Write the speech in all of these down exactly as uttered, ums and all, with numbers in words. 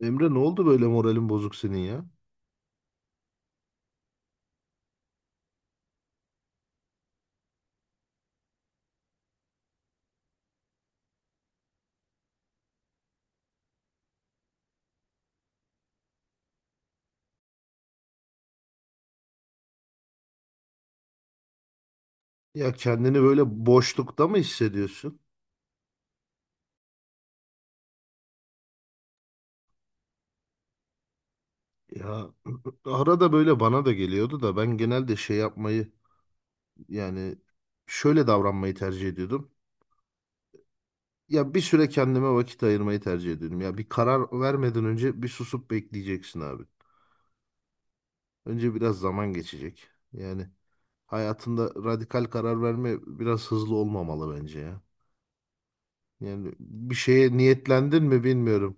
Emre ne oldu böyle moralin bozuk senin ya? Ya kendini böyle boşlukta mı hissediyorsun? Ya arada böyle bana da geliyordu da ben genelde şey yapmayı yani şöyle davranmayı tercih ediyordum. Ya bir süre kendime vakit ayırmayı tercih ediyordum. Ya bir karar vermeden önce bir susup bekleyeceksin abi. Önce biraz zaman geçecek. Yani hayatında radikal karar verme biraz hızlı olmamalı bence ya. Yani bir şeye niyetlendin mi bilmiyorum.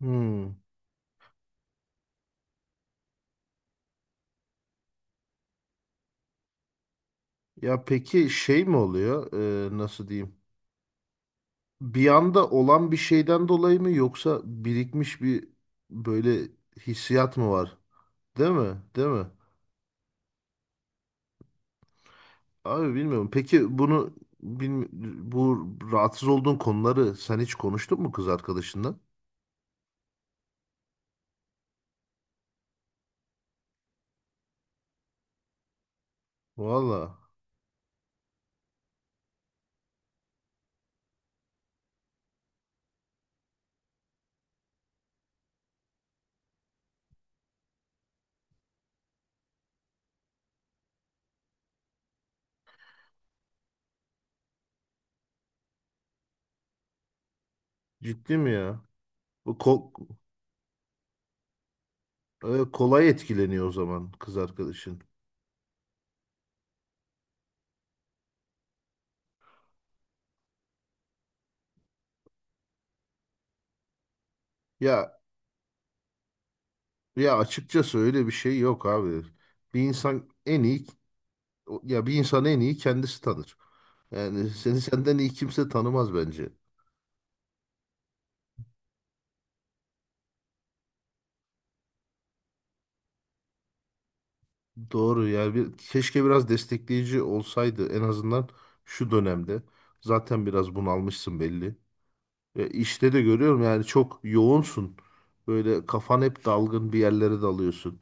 Hmm. Ya peki şey mi oluyor? Ee, nasıl diyeyim? Bir anda olan bir şeyden dolayı mı yoksa birikmiş bir böyle hissiyat mı var? Değil mi? Değil mi? Abi bilmiyorum. Peki bunu bilmi- bu rahatsız olduğun konuları sen hiç konuştun mu kız arkadaşınla? Valla ciddi mi ya? Bu ko- e, Kolay etkileniyor o zaman kız arkadaşın. Ya ya açıkçası öyle bir şey yok abi. Bir insan en iyi Ya bir insan en iyi kendisi tanır. Yani seni senden iyi kimse tanımaz bence. Doğru yani bir, keşke biraz destekleyici olsaydı en azından şu dönemde. Zaten biraz bunalmışsın belli. E, işte de görüyorum yani çok yoğunsun. Böyle kafan hep dalgın bir yerlere dalıyorsun.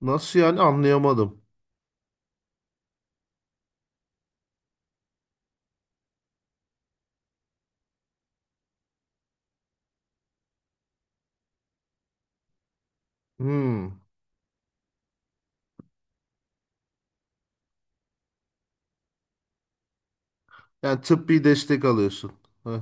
Nasıl yani anlayamadım. Hmm. Yani tıbbi destek alıyorsun. Heh,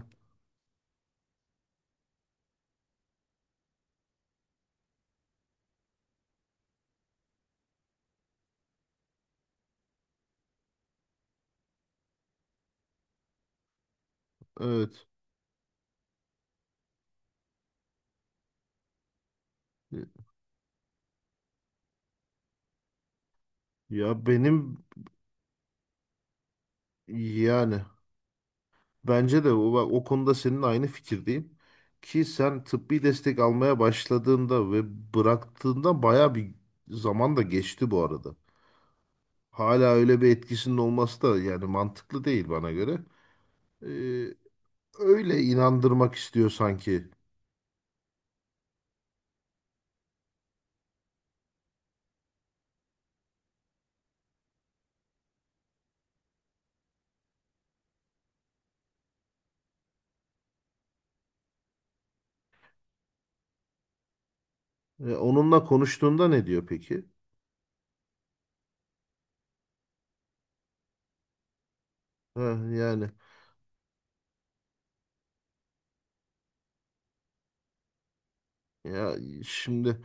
evet. Ya benim yani Bence de o, bak, o konuda senin aynı fikirdeyim. Ki sen tıbbi destek almaya başladığında ve bıraktığında baya bir zaman da geçti bu arada. Hala öyle bir etkisinin olması da yani mantıklı değil bana göre. Ee, Öyle inandırmak istiyor sanki. E, onunla konuştuğunda ne diyor peki? Ha, yani ya şimdi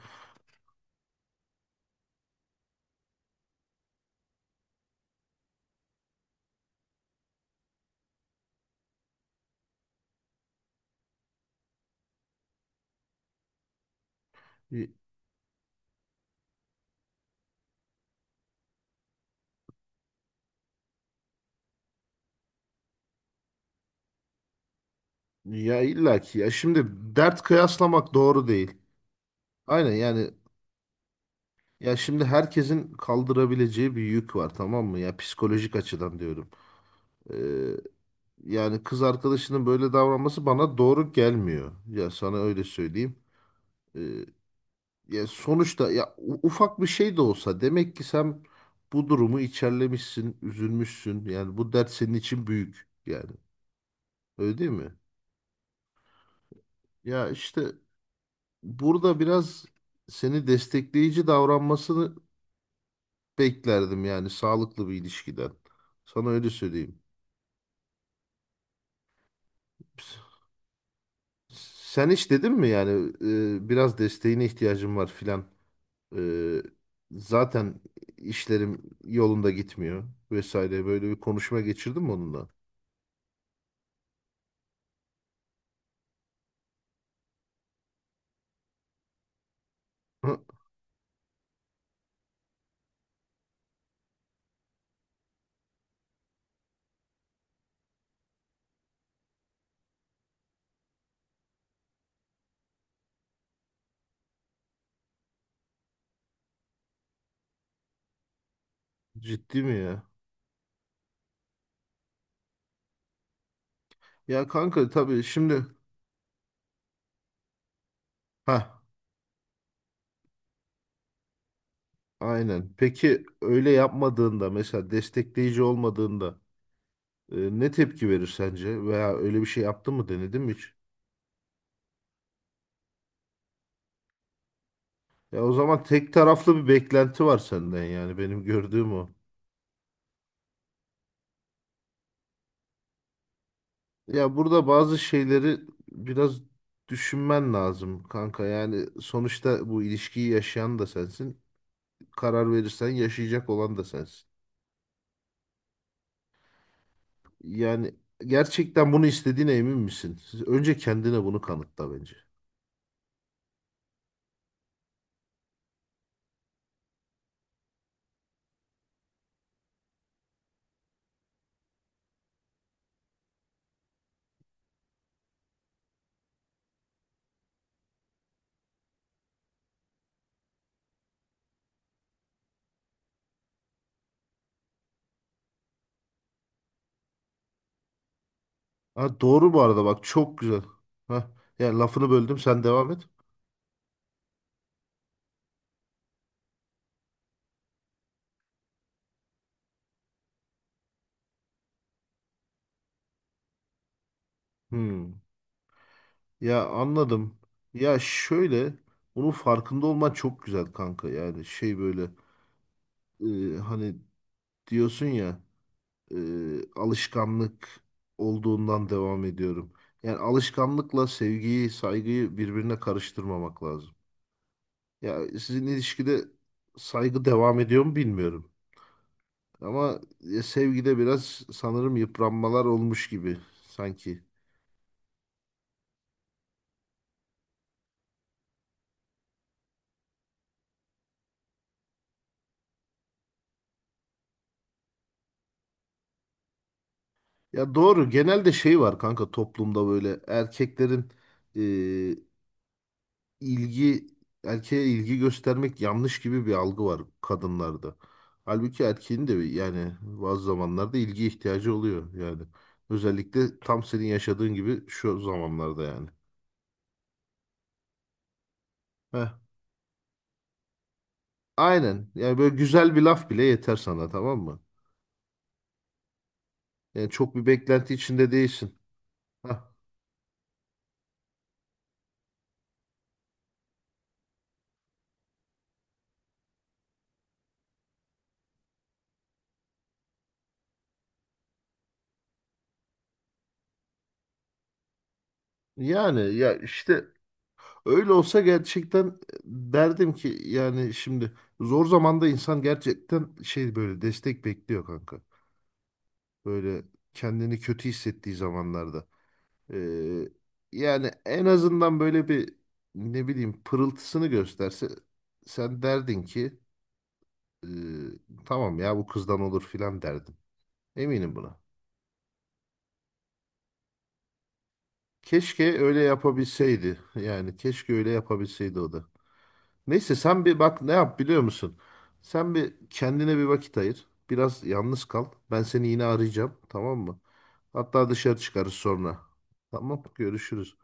ya illaki ya şimdi dert kıyaslamak doğru değil. Aynen yani. Ya şimdi herkesin kaldırabileceği bir yük var, tamam mı? Ya psikolojik açıdan diyorum. Ee, Yani kız arkadaşının böyle davranması bana doğru gelmiyor. Ya sana öyle söyleyeyim. Ee, ya sonuçta ya u- ufak bir şey de olsa demek ki sen bu durumu içerlemişsin, üzülmüşsün. Yani bu dert senin için büyük yani. Öyle değil mi? Ya işte burada biraz seni destekleyici davranmasını beklerdim yani sağlıklı bir ilişkiden. Sana öyle söyleyeyim. Sen hiç dedin mi yani e, biraz desteğine ihtiyacım var filan. E, Zaten işlerim yolunda gitmiyor vesaire böyle bir konuşma geçirdim onunla. Hı, ciddi mi ya? Ya kanka tabii şimdi ha aynen. Peki öyle yapmadığında mesela destekleyici olmadığında e, ne tepki verir sence? Veya öyle bir şey yaptın mı, denedin mi hiç? Ya o zaman tek taraflı bir beklenti var senden yani benim gördüğüm o. Ya burada bazı şeyleri biraz düşünmen lazım kanka. Yani sonuçta bu ilişkiyi yaşayan da sensin. Karar verirsen yaşayacak olan da sensin. Yani gerçekten bunu istediğine emin misin? Önce kendine bunu kanıtla bence. Ha, doğru bu arada bak çok güzel. Ha, ya lafını böldüm, sen devam et. Hmm. Ya anladım. Ya şöyle bunun farkında olman çok güzel kanka. Yani şey böyle e, hani diyorsun ya. E, Alışkanlık olduğundan devam ediyorum. Yani alışkanlıkla sevgiyi, saygıyı birbirine karıştırmamak lazım. Ya sizin ilişkide saygı devam ediyor mu bilmiyorum. Ama e, sevgide biraz sanırım yıpranmalar olmuş gibi sanki. Ya doğru genelde şey var kanka toplumda böyle erkeklerin e, ilgi erkeğe ilgi göstermek yanlış gibi bir algı var kadınlarda. Halbuki erkeğin de bir- yani bazı zamanlarda ilgi ihtiyacı oluyor yani. Özellikle tam senin yaşadığın gibi şu zamanlarda yani. Heh. Aynen. Yani böyle güzel bir laf bile yeter sana, tamam mı? Yani çok bir beklenti içinde değilsin. Heh. Yani ya işte öyle olsa gerçekten derdim ki yani şimdi zor zamanda insan gerçekten şey böyle destek bekliyor kanka. Böyle kendini kötü hissettiği zamanlarda. Ee, Yani en azından böyle bir ne bileyim pırıltısını gösterse sen derdin ki "Ee, tamam ya bu kızdan olur" filan derdin. Eminim buna. Keşke öyle yapabilseydi. Yani keşke öyle yapabilseydi o da. Neyse sen bir bak ne yap, biliyor musun? Sen bir Kendine bir vakit ayır. Biraz yalnız kal. Ben seni yine arayacağım. Tamam mı? Hatta dışarı çıkarız sonra. Tamam, görüşürüz.